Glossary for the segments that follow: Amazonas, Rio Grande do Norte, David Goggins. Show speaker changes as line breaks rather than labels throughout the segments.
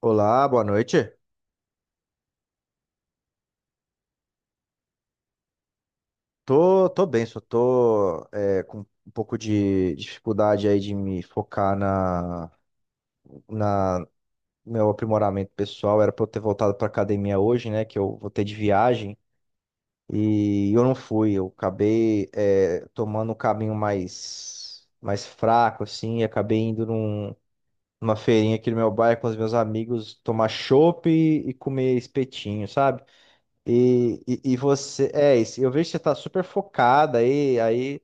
Olá, boa noite. Tô bem, só tô com um pouco de dificuldade aí de me focar na, na meu aprimoramento pessoal. Era pra eu ter voltado pra academia hoje, né? Que eu voltei de viagem e eu não fui. Eu acabei tomando um caminho mais fraco, assim, e acabei indo numa feirinha aqui no meu bairro com os meus amigos tomar chopp e comer espetinho, sabe? E você, eu vejo que você tá super focada aí,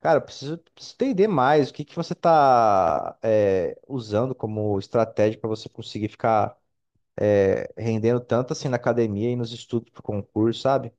cara, eu preciso entender mais o que que você tá usando como estratégia para você conseguir ficar rendendo tanto assim na academia e nos estudos pro concurso, sabe?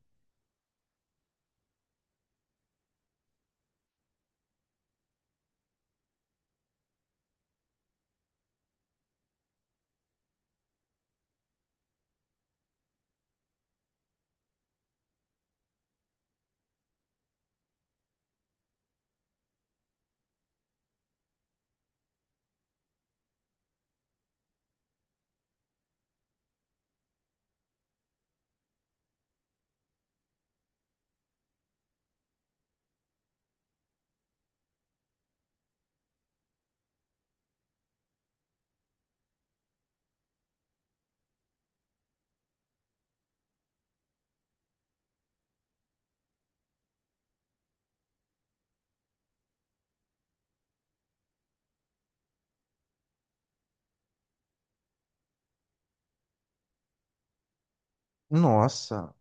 Nossa,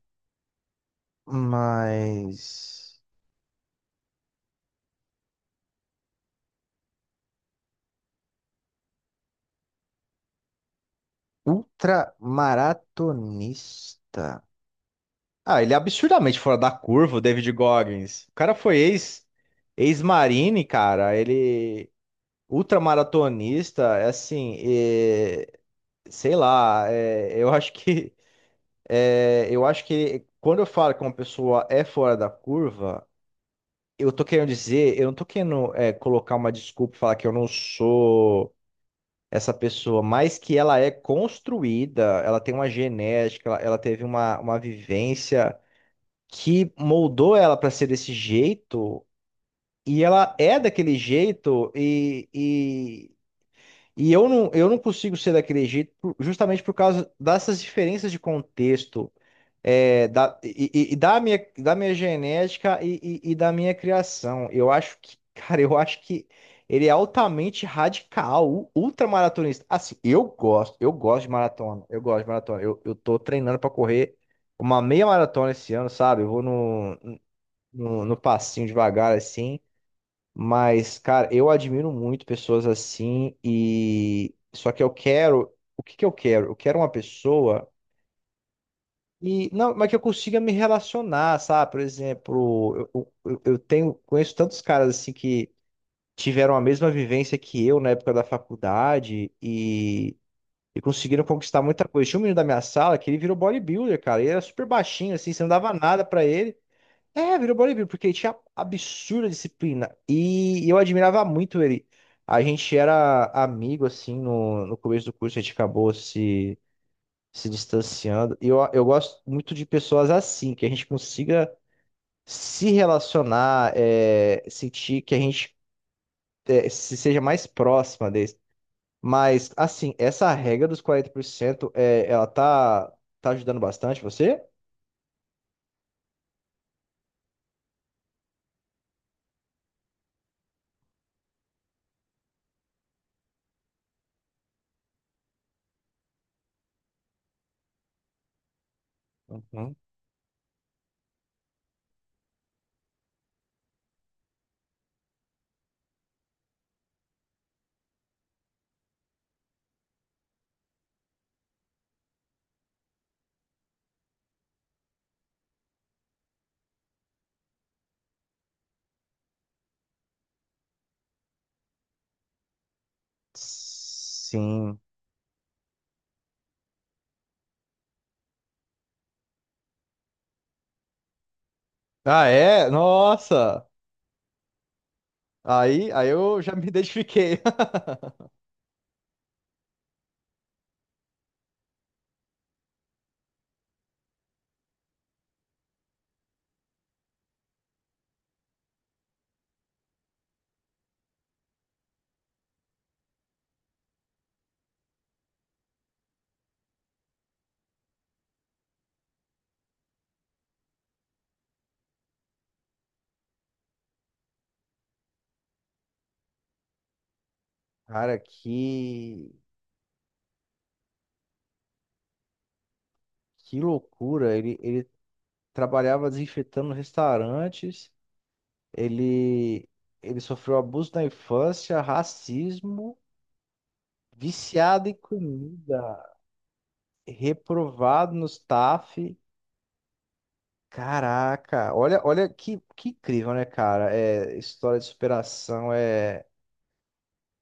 mas ultramaratonista. Ah, ele é absurdamente fora da curva, o David Goggins. O cara foi ex-marine, cara. Ele Ultramaratonista, é assim, sei lá, eu acho que eu acho que quando eu falo que uma pessoa é fora da curva, eu tô querendo dizer, eu não tô querendo colocar uma desculpa e falar que eu não sou essa pessoa, mas que ela é construída, ela tem uma genética, ela teve uma vivência que moldou ela para ser desse jeito, e ela é daquele jeito, e eu não consigo ser daquele jeito justamente por causa dessas diferenças de contexto, da minha genética e da minha criação. Eu acho que, cara, eu acho que ele é altamente radical, ultramaratonista. Assim, eu gosto de maratona, eu gosto de maratona. Eu tô treinando pra correr uma meia maratona esse ano, sabe? Eu vou no passinho devagar, assim. Mas, cara, eu admiro muito pessoas assim e só que eu quero, o que que eu quero? Eu quero uma pessoa e não, mas que eu consiga me relacionar, sabe? Por exemplo, eu tenho conheço tantos caras assim que tiveram a mesma vivência que eu na época da faculdade e conseguiram conquistar muita coisa. Tinha um menino da minha sala que ele virou bodybuilder, cara. Ele era super baixinho, assim, você não dava nada pra ele. É, virou bodybuilder, porque ele tinha absurda disciplina. E eu admirava muito ele. A gente era amigo, assim, no começo do curso, a gente acabou se distanciando. E eu gosto muito de pessoas assim, que a gente consiga se relacionar, sentir que a gente é, se seja mais próxima deles. Mas, assim, essa regra dos 40% ela tá ajudando bastante você? Uhum. Sim. Ah, é? Nossa! Aí eu já me identifiquei. Cara, que loucura. Ele trabalhava desinfetando restaurantes, ele, ele sofreu abuso na infância, racismo, viciado em comida, reprovado no staff. Caraca, olha, olha que incrível, né, cara? É, história de superação é,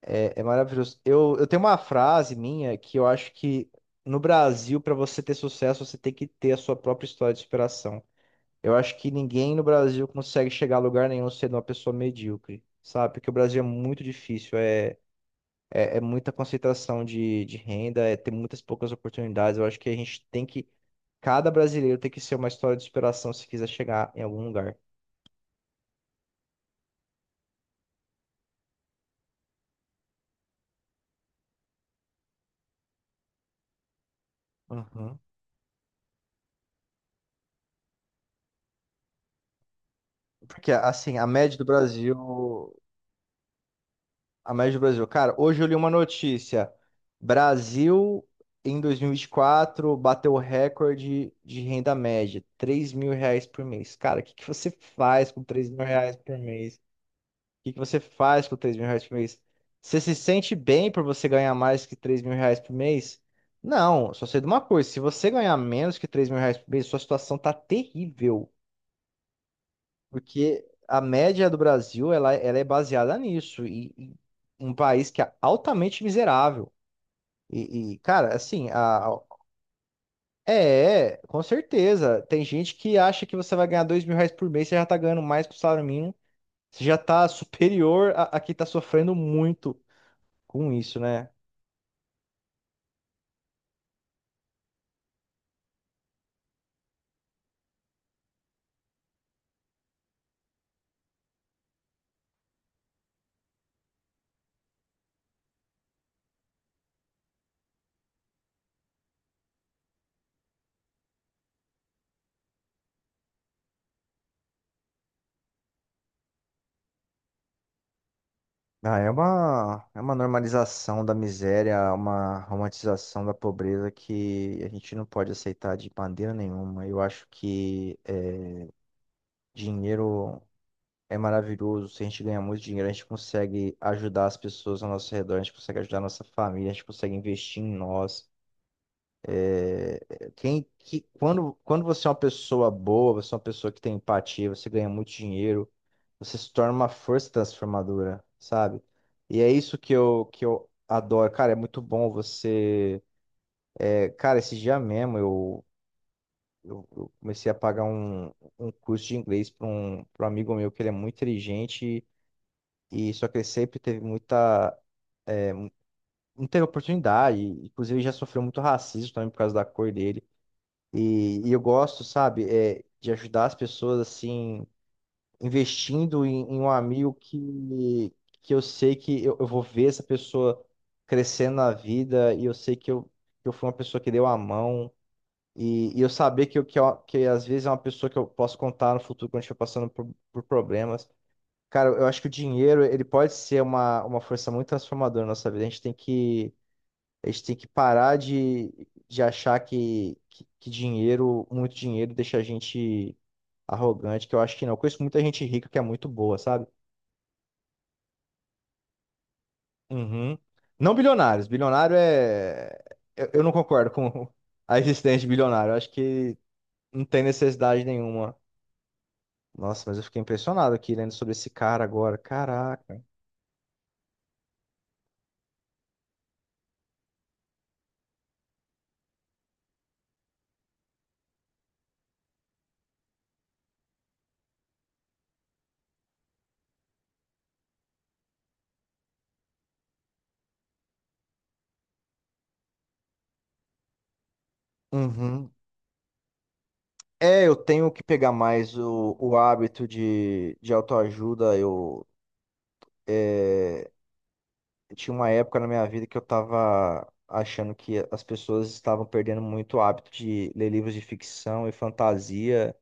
É, é maravilhoso. Eu tenho uma frase minha que eu acho que no Brasil, para você ter sucesso, você tem que ter a sua própria história de superação. Eu acho que ninguém no Brasil consegue chegar a lugar nenhum sendo uma pessoa medíocre, sabe? Porque o Brasil é muito difícil, é muita concentração de renda, é ter muitas poucas oportunidades. Eu acho que a gente tem que, cada brasileiro tem que ser uma história de superação se quiser chegar em algum lugar. Uhum. Porque, assim, a média do Brasil. A média do Brasil. Cara, hoje eu li uma notícia. Brasil, em dois mil e vinte e quatro bateu o recorde de renda média, R$ 3.000 por mês. Cara, o que que você faz com R$ 3.000 por mês? O que que você faz com R$ 3.000 por mês? Você se sente bem por você ganhar mais que R$ 3.000 por mês? Não, só sei de uma coisa. Se você ganhar menos que R$ 3.000 por mês, sua situação tá terrível. Porque a média do Brasil, ela é baseada nisso. E um país que é altamente miserável. Cara, assim, com certeza. Tem gente que acha que você vai ganhar R$ 2.000 por mês, você já tá ganhando mais que o salário mínimo. Você já tá superior a quem tá sofrendo muito com isso, né? Ah, é uma normalização da miséria, uma romantização da pobreza que a gente não pode aceitar de maneira nenhuma. Eu acho que dinheiro é maravilhoso. Se a gente ganhar muito dinheiro, a gente consegue ajudar as pessoas ao nosso redor, a gente consegue ajudar a nossa família, a gente consegue investir em nós. Quando você é uma pessoa boa, você é uma pessoa que tem empatia, você ganha muito dinheiro, você se torna uma força transformadora, sabe? E é isso que que eu adoro. Cara, é muito bom você. Cara, esse dia mesmo eu. Eu comecei a pagar um curso de inglês pra um amigo meu que ele é muito inteligente e só que ele sempre teve muita não teve oportunidade. Inclusive, ele já sofreu muito racismo também por causa da cor dele. E eu gosto, sabe, de ajudar as pessoas, assim, investindo em um amigo que eu sei que eu vou ver essa pessoa crescendo na vida e eu sei que eu fui uma pessoa que deu a mão. E eu saber que às vezes é uma pessoa que eu posso contar no futuro quando eu estiver passando por problemas. Cara, eu acho que o dinheiro, ele pode ser uma força muito transformadora na nossa vida. A gente tem que parar de achar que dinheiro, muito dinheiro, deixa a gente arrogante, que eu acho que não. Eu conheço muita gente rica que é muito boa, sabe? Uhum. Não bilionários. Bilionário é. Eu não concordo com a existência de bilionário. Eu acho que não tem necessidade nenhuma. Nossa, mas eu fiquei impressionado aqui lendo sobre esse cara agora. Caraca. Uhum. É, eu tenho que pegar mais o hábito de autoajuda. Eu. é, tinha uma época na minha vida que eu tava achando que as pessoas estavam perdendo muito o hábito de ler livros de ficção e fantasia,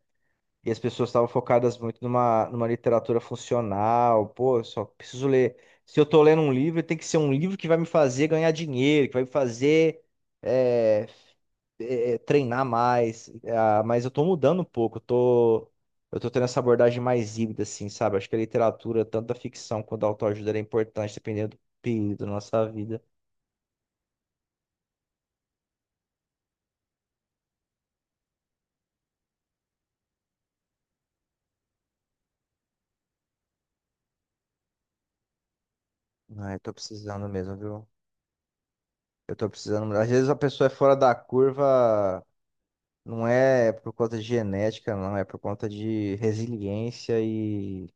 e as pessoas estavam focadas muito numa literatura funcional. Pô, eu só preciso ler. Se eu tô lendo um livro, tem que ser um livro que vai me fazer ganhar dinheiro, que vai me fazer. eh, treinar mais, ah, mas eu tô mudando um pouco, eu tô tendo essa abordagem mais híbrida, assim, sabe? Acho que a literatura, tanto da ficção quanto da autoajuda, ela é importante dependendo do período da nossa vida. Ah, eu tô precisando mesmo, viu? Eu tô precisando. Às vezes a pessoa é fora da curva, não é por conta de genética, não, é por conta de resiliência e,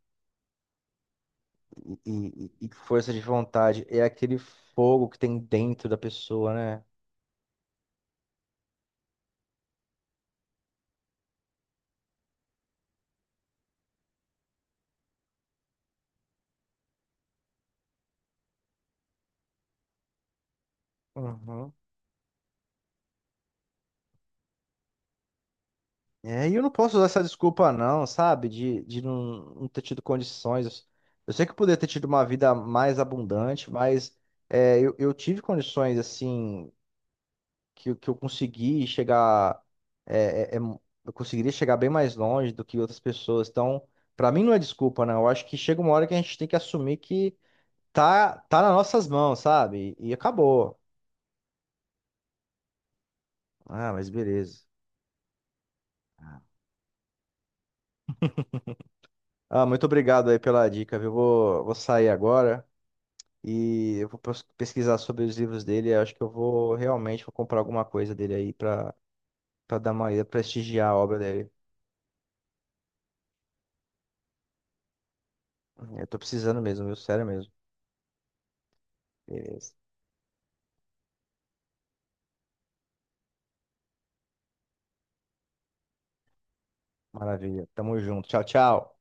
e, e- e força de vontade. É aquele fogo que tem dentro da pessoa, né? Uhum. É, e eu não posso usar essa desculpa, não, sabe? De não ter tido condições. Eu sei que eu poderia ter tido uma vida mais abundante, mas eu tive condições, assim, que eu consegui chegar. é, é, é, eu conseguiria chegar bem mais longe do que outras pessoas. Então, pra mim, não é desculpa, não. Eu acho que chega uma hora que a gente tem que assumir que tá nas nossas mãos, sabe? E, acabou. Ah, mas beleza. Ah, muito obrigado aí pela dica, viu? Vou sair agora. E eu vou pesquisar sobre os livros dele. Eu acho que eu vou realmente vou comprar alguma coisa dele aí pra dar uma ida, prestigiar a obra dele. Eu tô precisando mesmo, viu? Sério mesmo. Beleza. Maravilha. Tamo junto. Tchau, tchau.